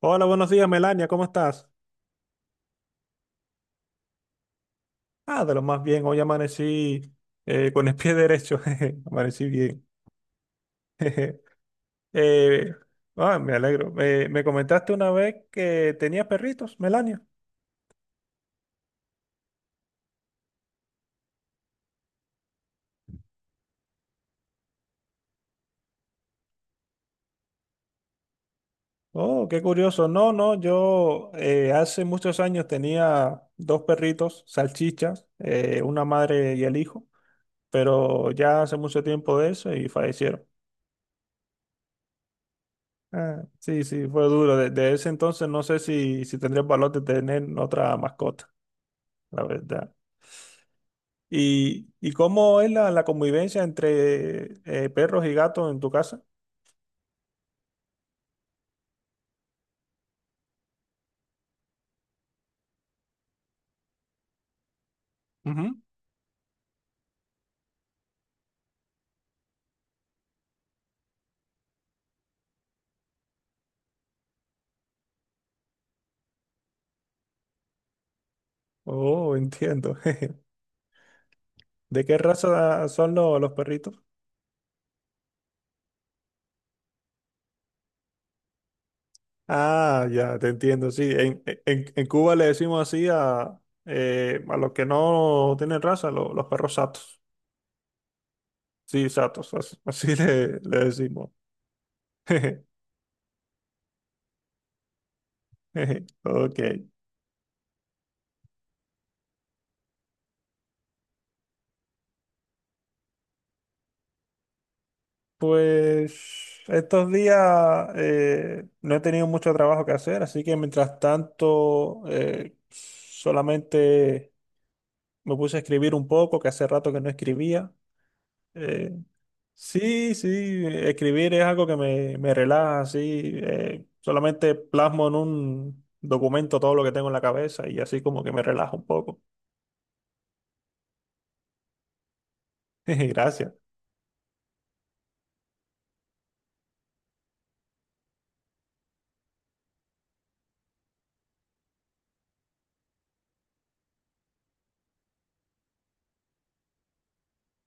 Hola, buenos días, Melania, ¿cómo estás? Ah, de lo más bien, hoy amanecí con el pie derecho, jeje, amanecí bien. jeje. Eh, Me alegro. Me comentaste una vez que tenías perritos, Melania. Oh, qué curioso. No, no, yo hace muchos años tenía dos perritos, salchichas, una madre y el hijo, pero ya hace mucho tiempo de eso y fallecieron. Ah, sí, sí, fue duro. Desde ese entonces no sé si tendría el valor de tener otra mascota. La verdad. ¿Y cómo es la convivencia entre perros y gatos en tu casa? Ujú. Oh, entiendo. ¿De qué raza son los perritos? Ah, ya, te entiendo, sí. En Cuba le decimos así a los que no tienen raza, los perros satos. Sí, satos, así, le decimos. Ok. Pues estos días no he tenido mucho trabajo que hacer, así que mientras tanto solamente me puse a escribir un poco, que hace rato que no escribía. Eh, sí, sí, escribir es algo que me relaja, así solamente plasmo en un documento todo lo que tengo en la cabeza y así como que me relaja un poco. Gracias.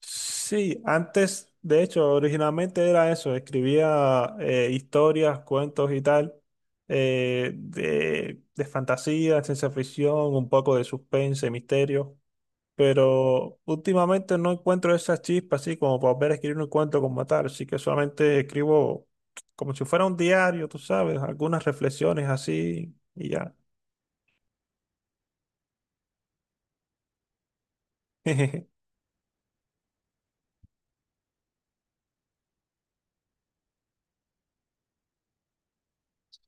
Sí, antes, de hecho, originalmente era eso, escribía historias, cuentos y tal, de fantasía, ciencia ficción, un poco de suspense, misterio, pero últimamente no encuentro esa chispa así como para volver a escribir un cuento como tal, así que solamente escribo como si fuera un diario, tú sabes, algunas reflexiones así y ya.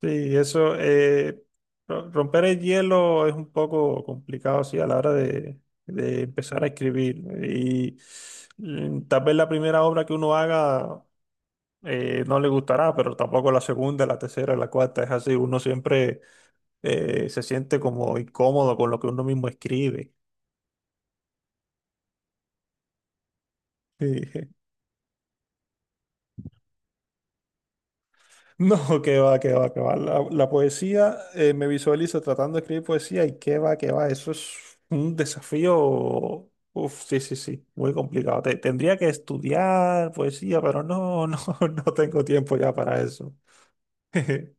Sí, eso, romper el hielo es un poco complicado, sí, a la hora de empezar a escribir. Y tal vez la primera obra que uno haga no le gustará, pero tampoco la segunda, la tercera, la cuarta, es así. Uno siempre se siente como incómodo con lo que uno mismo escribe. Sí. No, que va, que va, que va. La poesía, me visualizo tratando de escribir poesía y qué va, que va. Eso es un desafío. Uf, sí, sí, sí, muy complicado. Tendría que estudiar poesía, pero no, no, no tengo tiempo ya para eso.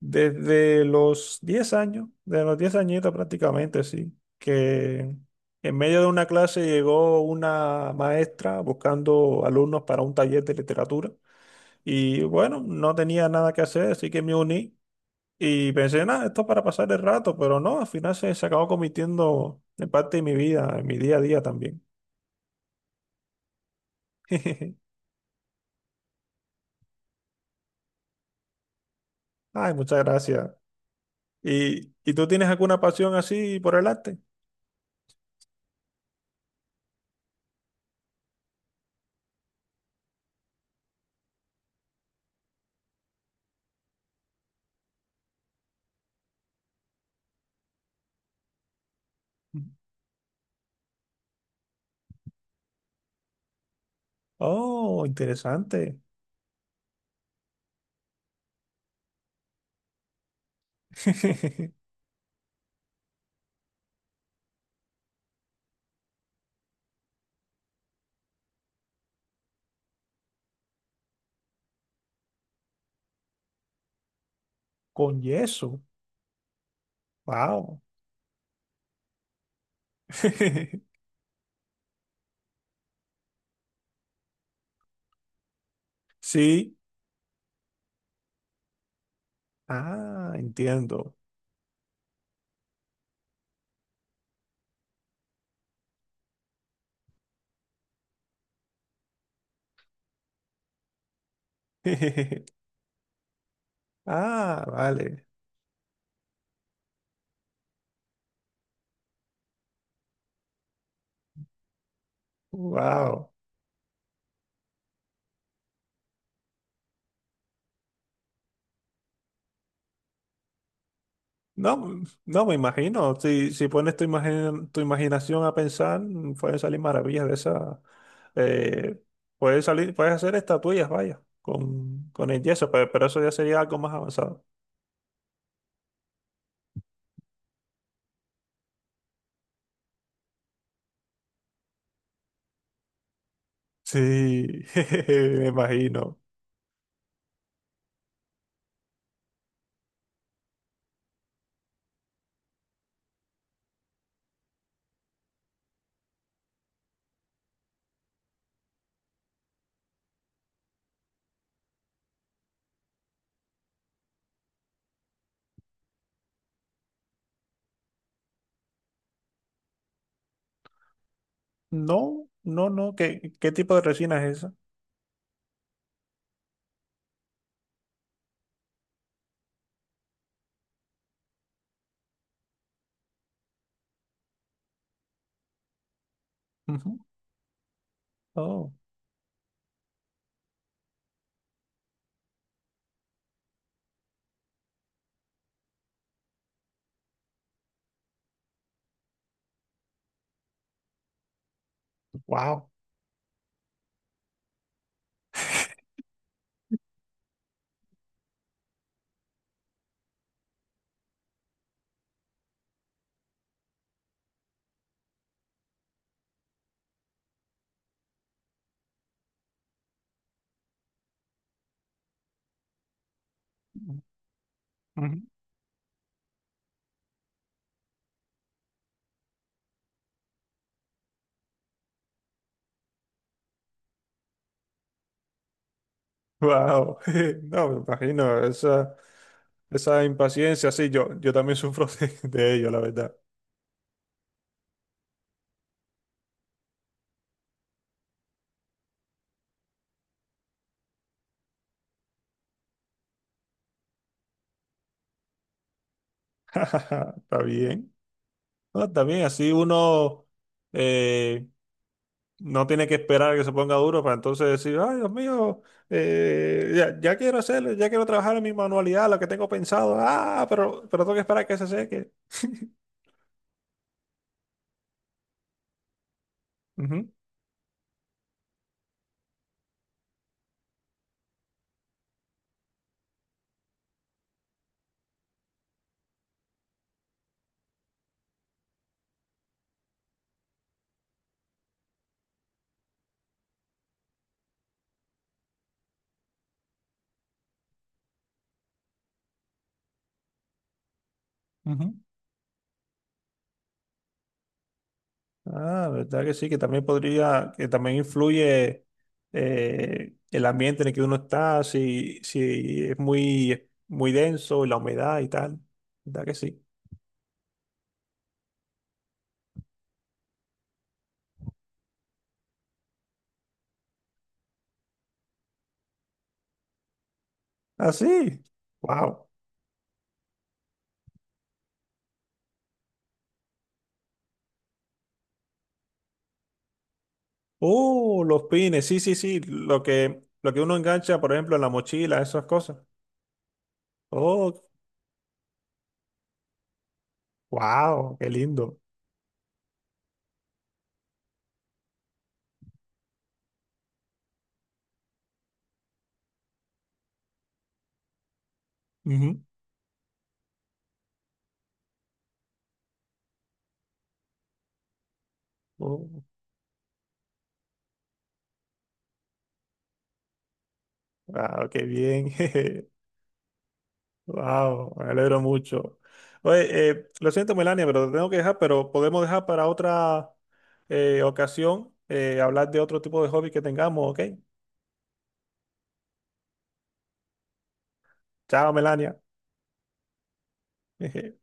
Desde los 10 años, desde los 10 añitos prácticamente, sí, que en medio de una clase llegó una maestra buscando alumnos para un taller de literatura. Y bueno, no tenía nada que hacer, así que me uní y pensé, nada, esto es para pasar el rato, pero no, al final se acabó convirtiendo en parte de mi vida, en mi día a día también. Ay, muchas gracias. ¿Y tú tienes alguna pasión así por el arte? Oh, interesante. Con yeso. Wow. Sí. Ah, entiendo. Ah, vale. Wow. No, no me imagino. Si pones tu imagen, tu imaginación a pensar, pueden salir maravillas de esa. eh, Puedes hacer estatuillas, vaya, con el yeso, pero, eso ya sería algo más avanzado. Sí, jejeje, me imagino. No, no, no. ¿Qué tipo de resina es esa? Ujú. Oh, wow. Wow. No, me imagino. Esa impaciencia, sí, yo también sufro de ello, la verdad. Está bien. No, también así uno eh, no tiene que esperar a que se ponga duro para entonces decir, ay, Dios mío, ya quiero hacerlo, ya quiero trabajar en mi manualidad, lo que tengo pensado, pero tengo que esperar a que se seque. Ujú. Ujú. Ah, verdad que sí, que también influye el ambiente en el que uno está, si es muy, muy denso, la humedad y tal. ¿Verdad que sí? Ah, sí. Wow. Oh, los pines, sí, sí, sí, lo que uno engancha, por ejemplo, en la mochila, esas cosas. Oh, wow, qué lindo. Ujú. Oh, wow, qué bien. jeje. Wow, me alegro mucho. Oye, lo siento, Melania, pero te tengo que dejar, pero podemos dejar para otra ocasión hablar de otro tipo de hobby que tengamos, ¿ok? Chao, Melania.